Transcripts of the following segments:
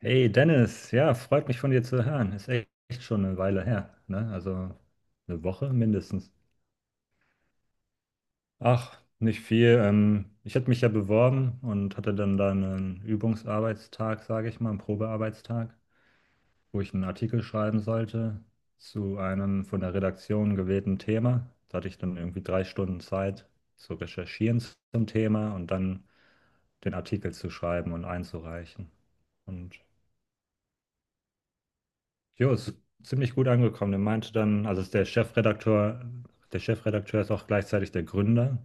Hey Dennis, ja, freut mich von dir zu hören. Ist echt echt schon eine Weile her, ne? Also eine Woche mindestens. Ach, nicht viel. Ich hatte mich ja beworben und hatte dann da einen Übungsarbeitstag, sage ich mal, einen Probearbeitstag, wo ich einen Artikel schreiben sollte zu einem von der Redaktion gewählten Thema. Da hatte ich dann irgendwie 3 Stunden Zeit zu recherchieren zum Thema und dann den Artikel zu schreiben und einzureichen. Und. Jo, ist ziemlich gut angekommen. Er meinte dann, also ist der Chefredakteur ist auch gleichzeitig der Gründer.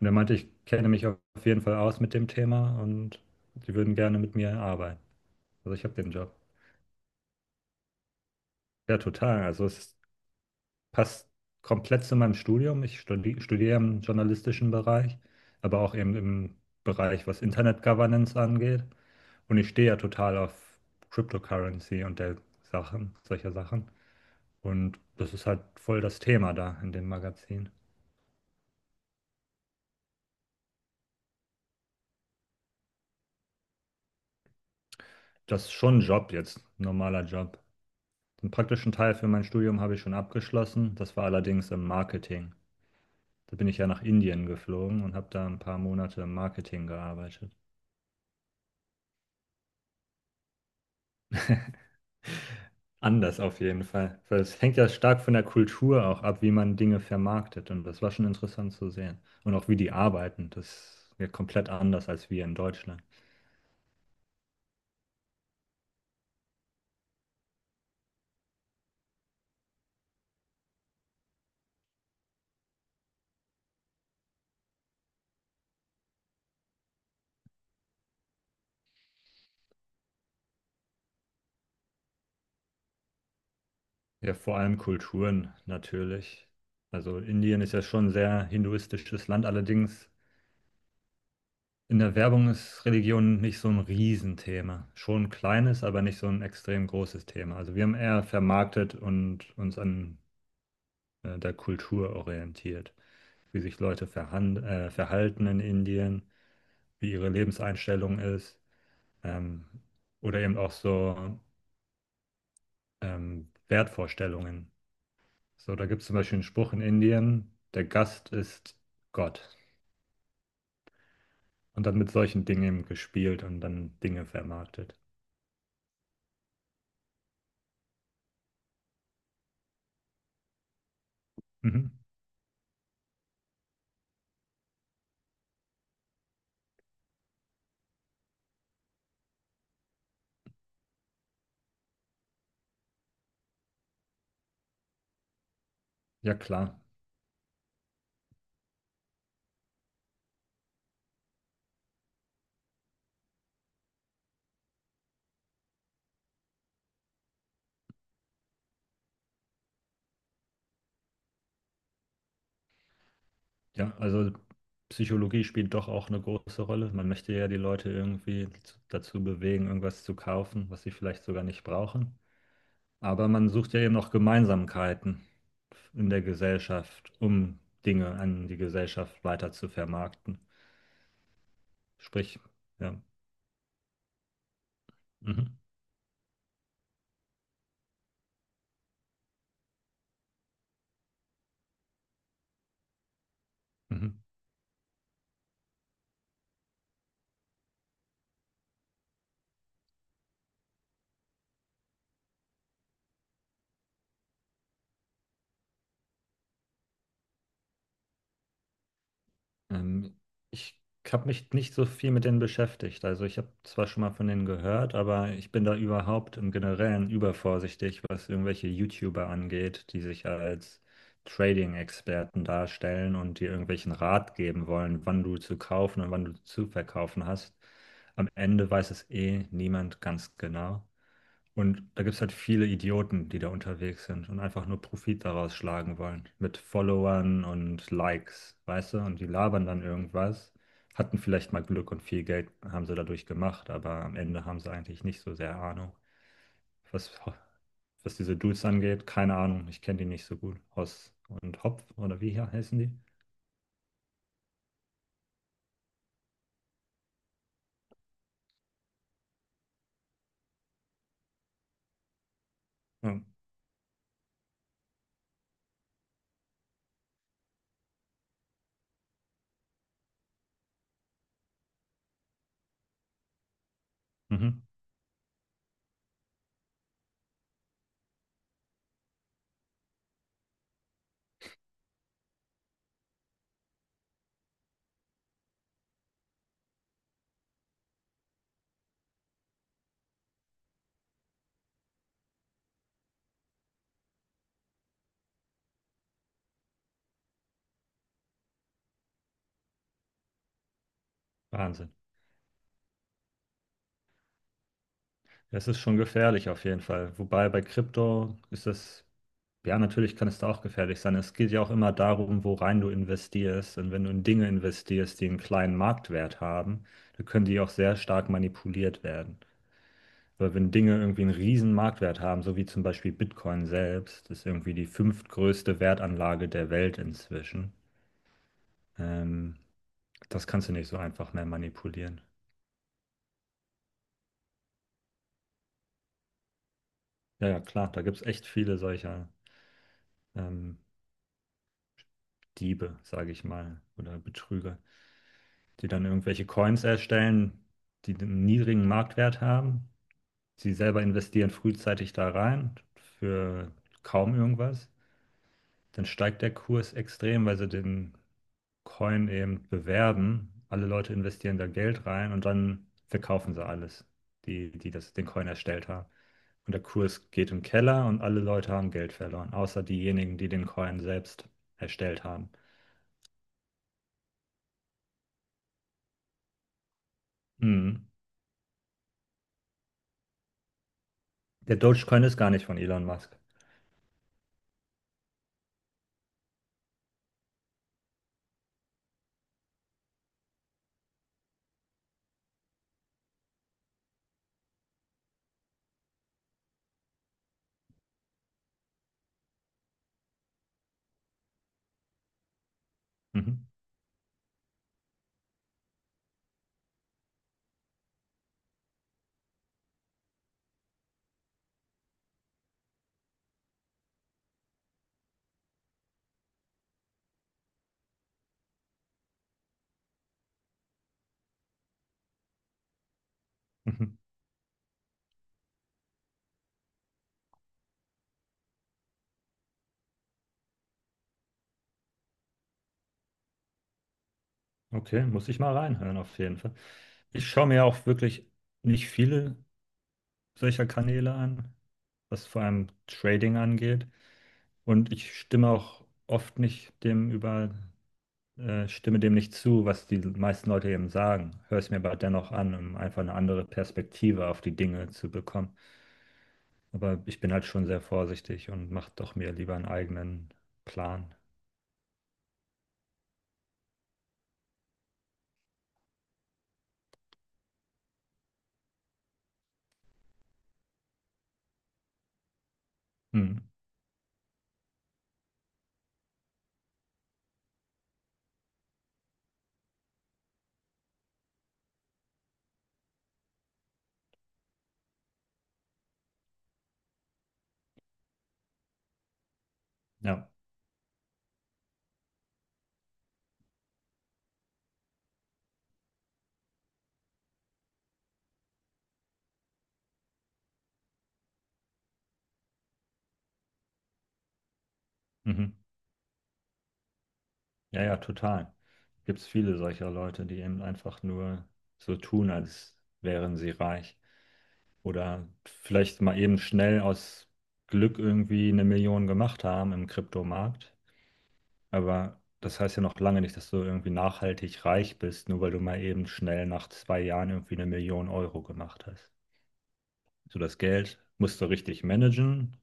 Und er meinte, ich kenne mich auf jeden Fall aus mit dem Thema und die würden gerne mit mir arbeiten. Also ich habe den Job. Ja, total. Also es passt komplett zu meinem Studium. Ich studiere im journalistischen Bereich, aber auch eben im Bereich, was Internet Governance angeht. Und ich stehe ja total auf Cryptocurrency und der Sachen, solcher Sachen. Und das ist halt voll das Thema da in dem Magazin. Das ist schon ein Job jetzt, ein normaler Job. Den praktischen Teil für mein Studium habe ich schon abgeschlossen. Das war allerdings im Marketing. Da bin ich ja nach Indien geflogen und habe da ein paar Monate im Marketing gearbeitet. Anders auf jeden Fall. Weil es hängt ja stark von der Kultur auch ab, wie man Dinge vermarktet. Und das war schon interessant zu sehen. Und auch wie die arbeiten. Das ist ja komplett anders als wir in Deutschland. Ja, vor allem Kulturen natürlich. Also Indien ist ja schon ein sehr hinduistisches Land, allerdings in der Werbung ist Religion nicht so ein Riesenthema. Schon ein kleines, aber nicht so ein extrem großes Thema. Also wir haben eher vermarktet und uns an der Kultur orientiert, wie sich Leute verhan verhalten in Indien, wie ihre Lebenseinstellung ist, ähm, oder eben auch so Wertvorstellungen. So, da gibt es zum Beispiel einen Spruch in Indien: Der Gast ist Gott. Und dann mit solchen Dingen eben gespielt und dann Dinge vermarktet. Mhm. Ja, klar. Ja, also Psychologie spielt doch auch eine große Rolle. Man möchte ja die Leute irgendwie dazu bewegen, irgendwas zu kaufen, was sie vielleicht sogar nicht brauchen. Aber man sucht ja eben noch Gemeinsamkeiten in der Gesellschaft, um Dinge an die Gesellschaft weiter zu vermarkten. Sprich, ja. Mhm. Mhm. Ähm, Ich habe mich nicht so viel mit denen beschäftigt. Also ich habe zwar schon mal von denen gehört, aber ich bin da überhaupt im Generellen übervorsichtig, was irgendwelche YouTuber angeht, die sich als Trading-Experten darstellen und dir irgendwelchen Rat geben wollen, wann du zu kaufen und wann du zu verkaufen hast. Am Ende weiß es eh niemand ganz genau. Und da gibt es halt viele Idioten, die da unterwegs sind und einfach nur Profit daraus schlagen wollen. Mit Followern und Likes, weißt du? Und die labern dann irgendwas, hatten vielleicht mal Glück und viel Geld haben sie dadurch gemacht, aber am Ende haben sie eigentlich nicht so sehr Ahnung. Was, was diese Dudes angeht, keine Ahnung, ich kenne die nicht so gut. Hoss und Hopf, oder wie hier heißen die? Ja. Mhm. Wahnsinn. Es ist schon gefährlich auf jeden Fall. Wobei bei Krypto ist das. Ja, natürlich kann es da auch gefährlich sein. Es geht ja auch immer darum, worein du investierst. Und wenn du in Dinge investierst, die einen kleinen Marktwert haben, dann können die auch sehr stark manipuliert werden. Aber wenn Dinge irgendwie einen riesen Marktwert haben, so wie zum Beispiel Bitcoin selbst, das ist irgendwie die fünftgrößte Wertanlage der Welt inzwischen, ähm, das kannst du nicht so einfach mehr manipulieren. Ja, ja, klar, da gibt es echt viele solcher ähm, Diebe, sage ich mal, oder Betrüger, die dann irgendwelche Coins erstellen, die einen niedrigen Marktwert haben. Sie selber investieren frühzeitig da rein für kaum irgendwas. Dann steigt der Kurs extrem, weil sie den Coin eben bewerben. Alle Leute investieren da Geld rein und dann verkaufen sie alles, die, den Coin erstellt haben. Und der Kurs geht im Keller und alle Leute haben Geld verloren, außer diejenigen, die den Coin selbst erstellt haben. Mhm. Der Dogecoin ist gar nicht von Elon Musk. Mhm. Mhm. Okay, muss ich mal reinhören auf jeden Fall. Ich schaue mir auch wirklich nicht viele solcher Kanäle an, was vor allem Trading angeht. Und ich stimme auch oft nicht dem über, stimme dem nicht zu, was die meisten Leute eben sagen. Höre es mir aber dennoch an, um einfach eine andere Perspektive auf die Dinge zu bekommen. Aber ich bin halt schon sehr vorsichtig und mache doch mir lieber einen eigenen Plan. Hm, ja. Mhm. Ja, ja, total. Gibt es viele solcher Leute, die eben einfach nur so tun, als wären sie reich. Oder vielleicht mal eben schnell aus Glück irgendwie 1 Million gemacht haben im Kryptomarkt. Aber das heißt ja noch lange nicht, dass du irgendwie nachhaltig reich bist, nur weil du mal eben schnell nach 2 Jahren irgendwie 1 Million Euro gemacht hast. So, das Geld musst du richtig managen,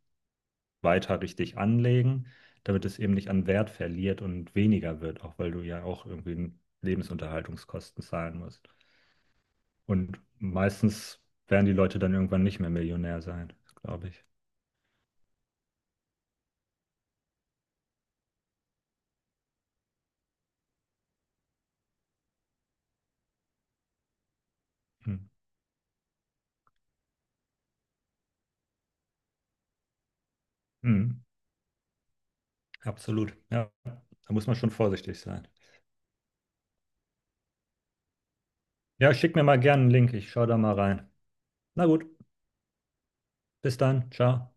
weiter richtig anlegen, damit es eben nicht an Wert verliert und weniger wird, auch weil du ja auch irgendwie Lebensunterhaltungskosten zahlen musst. Und meistens werden die Leute dann irgendwann nicht mehr Millionär sein, glaube ich. Hm. Hm. Absolut. Ja, da muss man schon vorsichtig sein. Ja, schick mir mal gerne einen Link. Ich schaue da mal rein. Na gut, bis dann. Ciao.